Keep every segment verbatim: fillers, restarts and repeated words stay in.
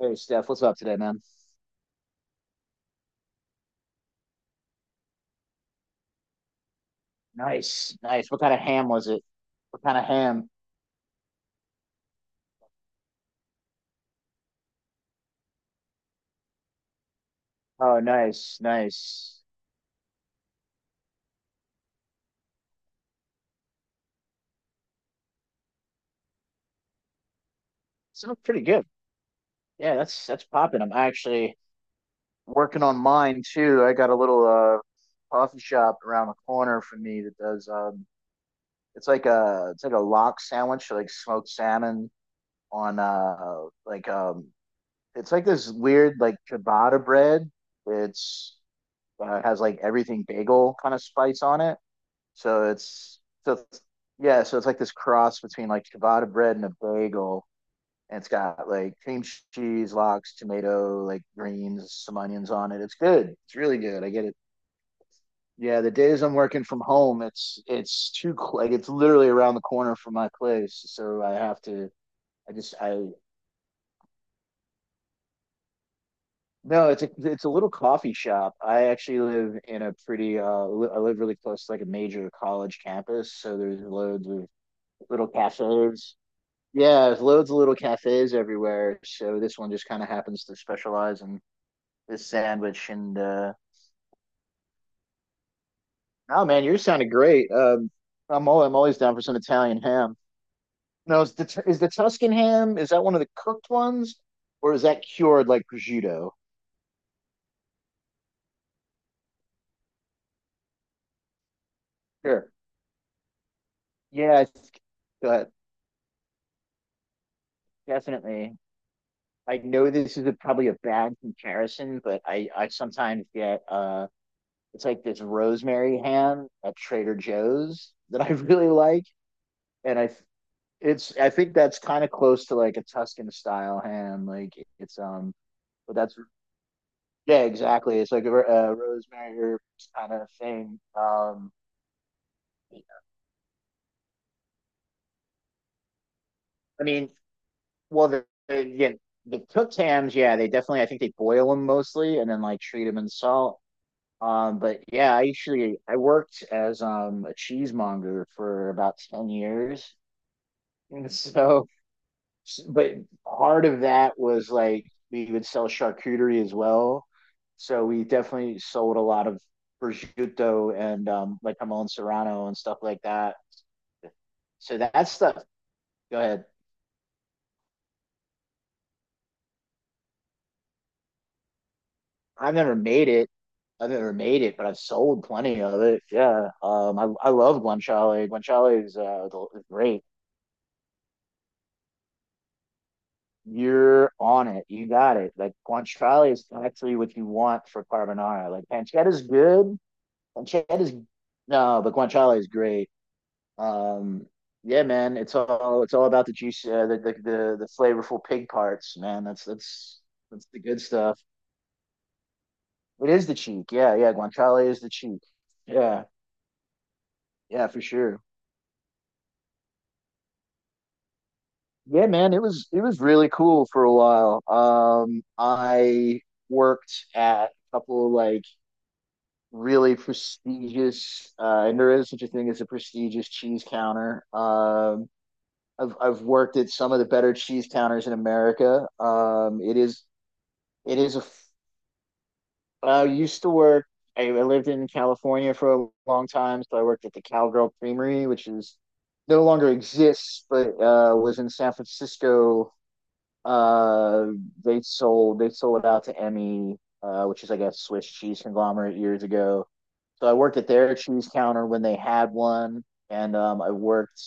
Hey Steph, what's up today, man? Nice, nice. What kind of ham was it? What kind of ham? Oh, nice, nice. Sounds pretty good. Yeah, that's that's popping. I'm actually working on mine too. I got a little uh coffee shop around the corner from me that does um it's like a it's like a lock sandwich, like smoked salmon on uh like um it's like this weird like ciabatta bread. It's uh, Has like everything bagel kind of spice on it. So it's so it's, yeah, so it's like this cross between like ciabatta bread and a bagel, and it's got like cream cheese, lox, tomato, like greens, some onions on it. It's good. It's really good. I get it. Yeah, the days I'm working from home, it's it's too cl- like it's literally around the corner from my place, so I have to. I just I No, it's a it's a little coffee shop. I actually live in a pretty uh li- I live really close to like a major college campus, so there's loads of little cafes. Yeah, there's loads of little cafes everywhere. So this one just kind of happens to specialize in this sandwich. And uh, oh man, yours sounded great. Um, I'm all, I'm always down for some Italian ham. No, is the is the Tuscan ham? Is that one of the cooked ones, or is that cured like prosciutto? Sure. Yeah, it's, go ahead. Definitely. I know this is a, probably a bad comparison, but I I sometimes get uh, it's like this rosemary ham at Trader Joe's that I really like. and I it's I think that's kind of close to like a Tuscan style ham. Like it's um, but that's Yeah, exactly. It's like a, a rosemary herb kind of thing. Um, I mean, well, the, the yeah, the cooked hams, yeah, they definitely. I think they boil them mostly and then like treat them in salt. Um, but yeah, I actually I worked as um a cheesemonger for about ten years, and so but part of that was like we would sell charcuterie as well. So we definitely sold a lot of prosciutto and um, like jamon serrano and stuff like that. So that stuff, go ahead. I've never made it. I've never made it, but I've sold plenty of it. Yeah. Um, I, I love guanciale. Guanciale is uh, great. You're on it. You got it. Like guanciale is actually what you want for carbonara. Like pancetta is good, Chad is No, but Guanciale is great. Um, yeah, man, it's all it's all about the juice, uh, the, the the the flavorful pig parts, man. That's that's that's the good stuff. It is the cheek, yeah, yeah. Guanciale is the cheek, yeah, yeah, for sure. Yeah, man, it was it was really cool for a while. Um, I worked at a couple of like really prestigious, uh, and there is such a thing as a prestigious cheese counter. Um, I've I've worked at some of the better cheese counters in America. Um, it is it is a. I used to work. I, I lived in California for a long time, so I worked at the Cowgirl Creamery, which is no longer exists, but uh, was in San Francisco. Uh, they sold they sold it out to Emmy, uh, which is like a Swiss cheese conglomerate years ago. So I worked at their cheese counter when they had one, and um, I worked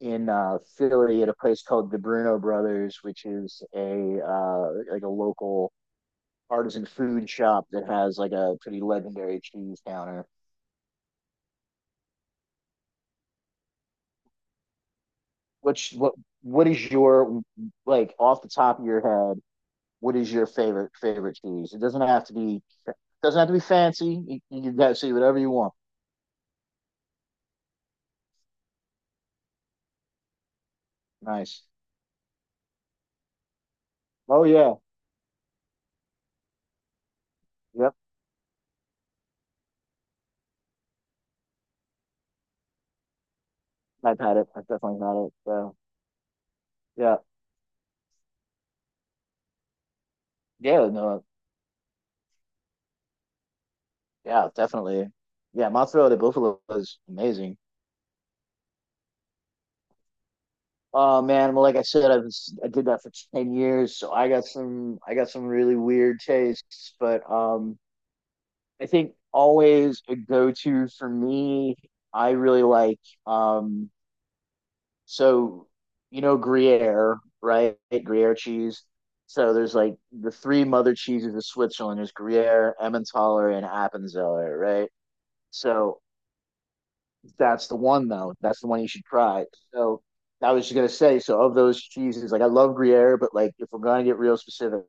in uh, Philly at a place called the Bruno Brothers, which is a uh, like a local artisan food shop that has like a pretty legendary cheese counter. Which what what is your like off the top of your head? What is your favorite favorite cheese? It doesn't have to be doesn't have to be fancy. You, you can have see whatever you want. Nice. Oh yeah. Yep. I've had it. I've definitely had it. So yeah. Yeah. No. Yeah. Definitely. Yeah. Mozzarella di Buffalo is amazing. Oh man, well, like I said, I was I did that for ten years, so I got some I got some really weird tastes. But um, I think always a go-to for me. I really like. um, so you know Gruyere, right? Gruyere cheese. So there's like the three mother cheeses of Switzerland. There's Gruyere, Emmentaler, and Appenzeller, right? So that's the one though. That's the one you should try. So I was just gonna say, so of those cheeses, like I love Gruyere, but like if we're gonna get real specific,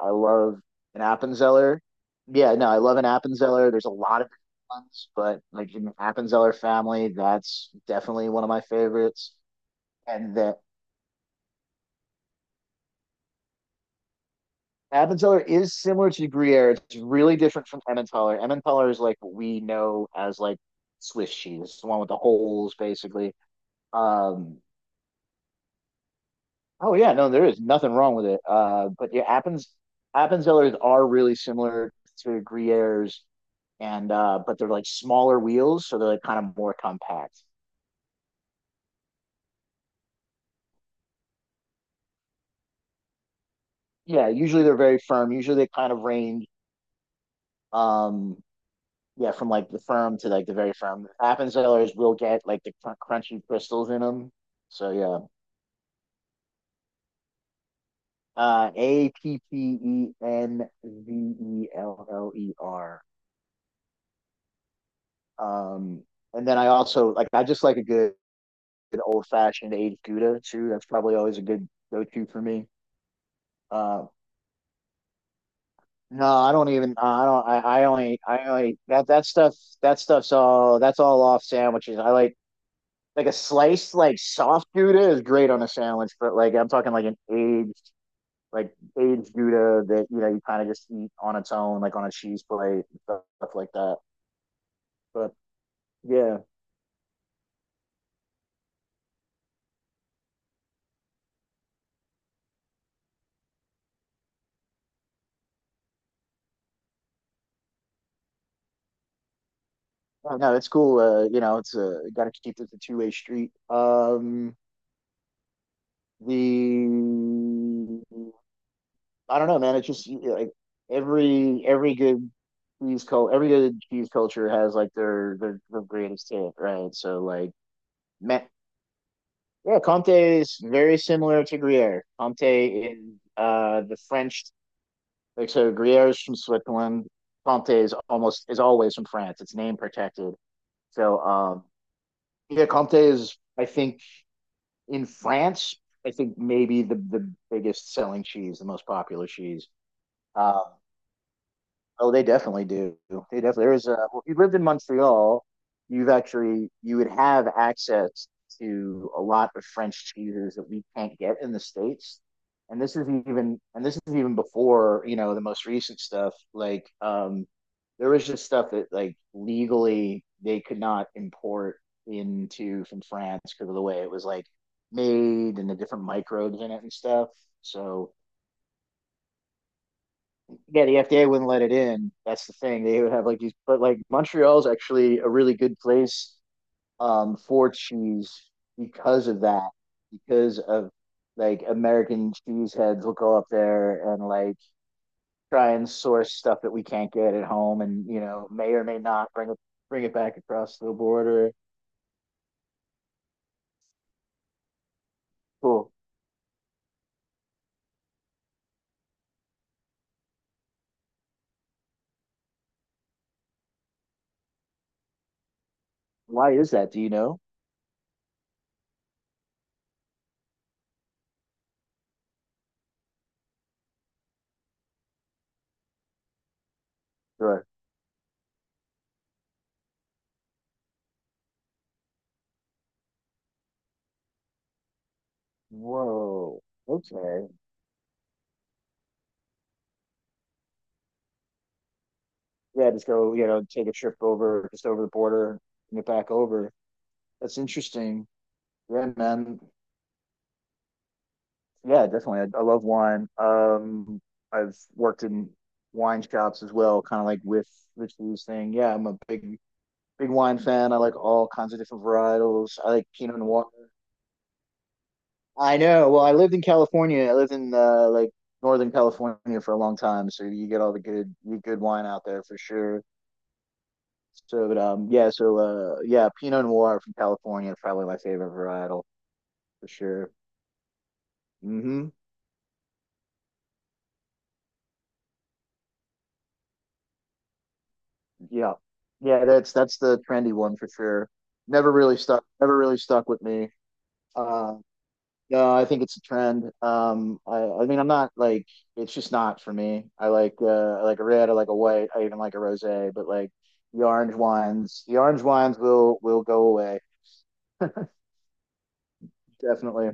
I love an Appenzeller. Yeah, no, I love an Appenzeller. There's a lot of different ones, but like in the Appenzeller family, that's definitely one of my favorites. And the Appenzeller is similar to Gruyere. It's really different from Emmentaler. Emmentaler is like what we know as like Swiss cheese, the one with the holes, basically. Um, Oh yeah, no, there is nothing wrong with it. Uh, but yeah, Appens Appenzellers are really similar to Gruyères, and uh, but they're like smaller wheels, so they're like kind of more compact. Yeah, usually they're very firm. Usually they kind of range, um, yeah, from like the firm to like the very firm. Appenzellers will get like the cr crunchy crystals in them. So yeah, uh, A P P E N V E L L E R. Um, and then I also like I just like a good Good old fashioned aged Gouda too. That's probably always a good go to for me. Uh, no, I don't even. uh, I don't. I, I only. I only that that stuff. That stuff's all. That's all off sandwiches. I like like a sliced like soft Gouda is great on a sandwich, but like I'm talking like an aged like aged Gouda that you know you kind of just eat on its own, like on a cheese plate and stuff, stuff like that. But yeah. Oh, no, it's cool. Uh, you know, it's uh, got to keep it a two-way street. Um, the I don't know, man. It's just like every every good cheese cult, every good cheese culture has like their their, their greatest hit, right? So like, man, yeah, Comte is very similar to Gruyere. Comte is uh the French, like so Gruyere is from Switzerland. Comte is almost is always from France. It's name protected. So um, yeah, Comte is I think in France, I think maybe the the biggest selling cheese, the most popular cheese. Um, Oh, they definitely do. They definitely there is a Well, if you lived in Montreal, you've actually you would have access to a lot of French cheeses that we can't get in the States. And this is even and this is even before, you know, the most recent stuff. Like um there was just stuff that like legally they could not import into from France because of the way it was like made and the different microbes in it and stuff. So yeah, the F D A wouldn't let it in. That's the thing. They would have like these, but like Montreal's actually a really good place um, for cheese because of that, because of like American cheese heads will go up there and like try and source stuff that we can't get at home, and you know may or may not bring it bring it back across the border. Cool. Why is that? Do you know? Sure. Whoa. Okay. Yeah, just go. You know, take a trip over, just over the border, bring it back over. That's interesting. Yeah, man. Yeah, definitely. I, I love wine. Um, I've worked in wine shops as well, kind of like with Rich Lou's thing. Yeah, I'm a big, big wine fan. I like all kinds of different varietals. I like Pinot Noir. I know. Well, I lived in California. I lived in uh, like Northern California for a long time, so you get all the good, the good wine out there for sure. So, but um, yeah. So, uh, yeah, Pinot Noir from California, probably my favorite varietal for sure. Mm-hmm. Yeah. Yeah, that's that's the trendy one for sure. Never really stuck never really stuck with me. Uh no, I think it's a trend. Um I I mean I'm not like it's just not for me. I like uh I like a red, I like a white, I even like a rosé, but like the orange wines, the orange wines will will go away. Definitely.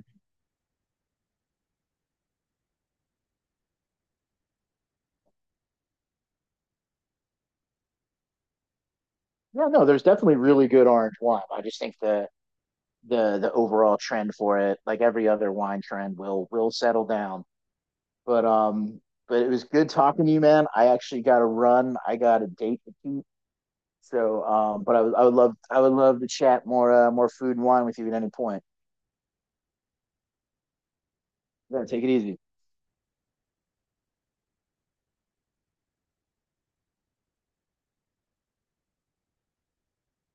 Yeah, no, there's definitely really good orange wine. I just think the the the overall trend for it, like every other wine trend will will settle down. But um, but it was good talking to you, man. I actually got to run. I got a date to keep. So um, but I would I would love I would love to chat more uh, more food and wine with you at any point. Yeah, take it easy.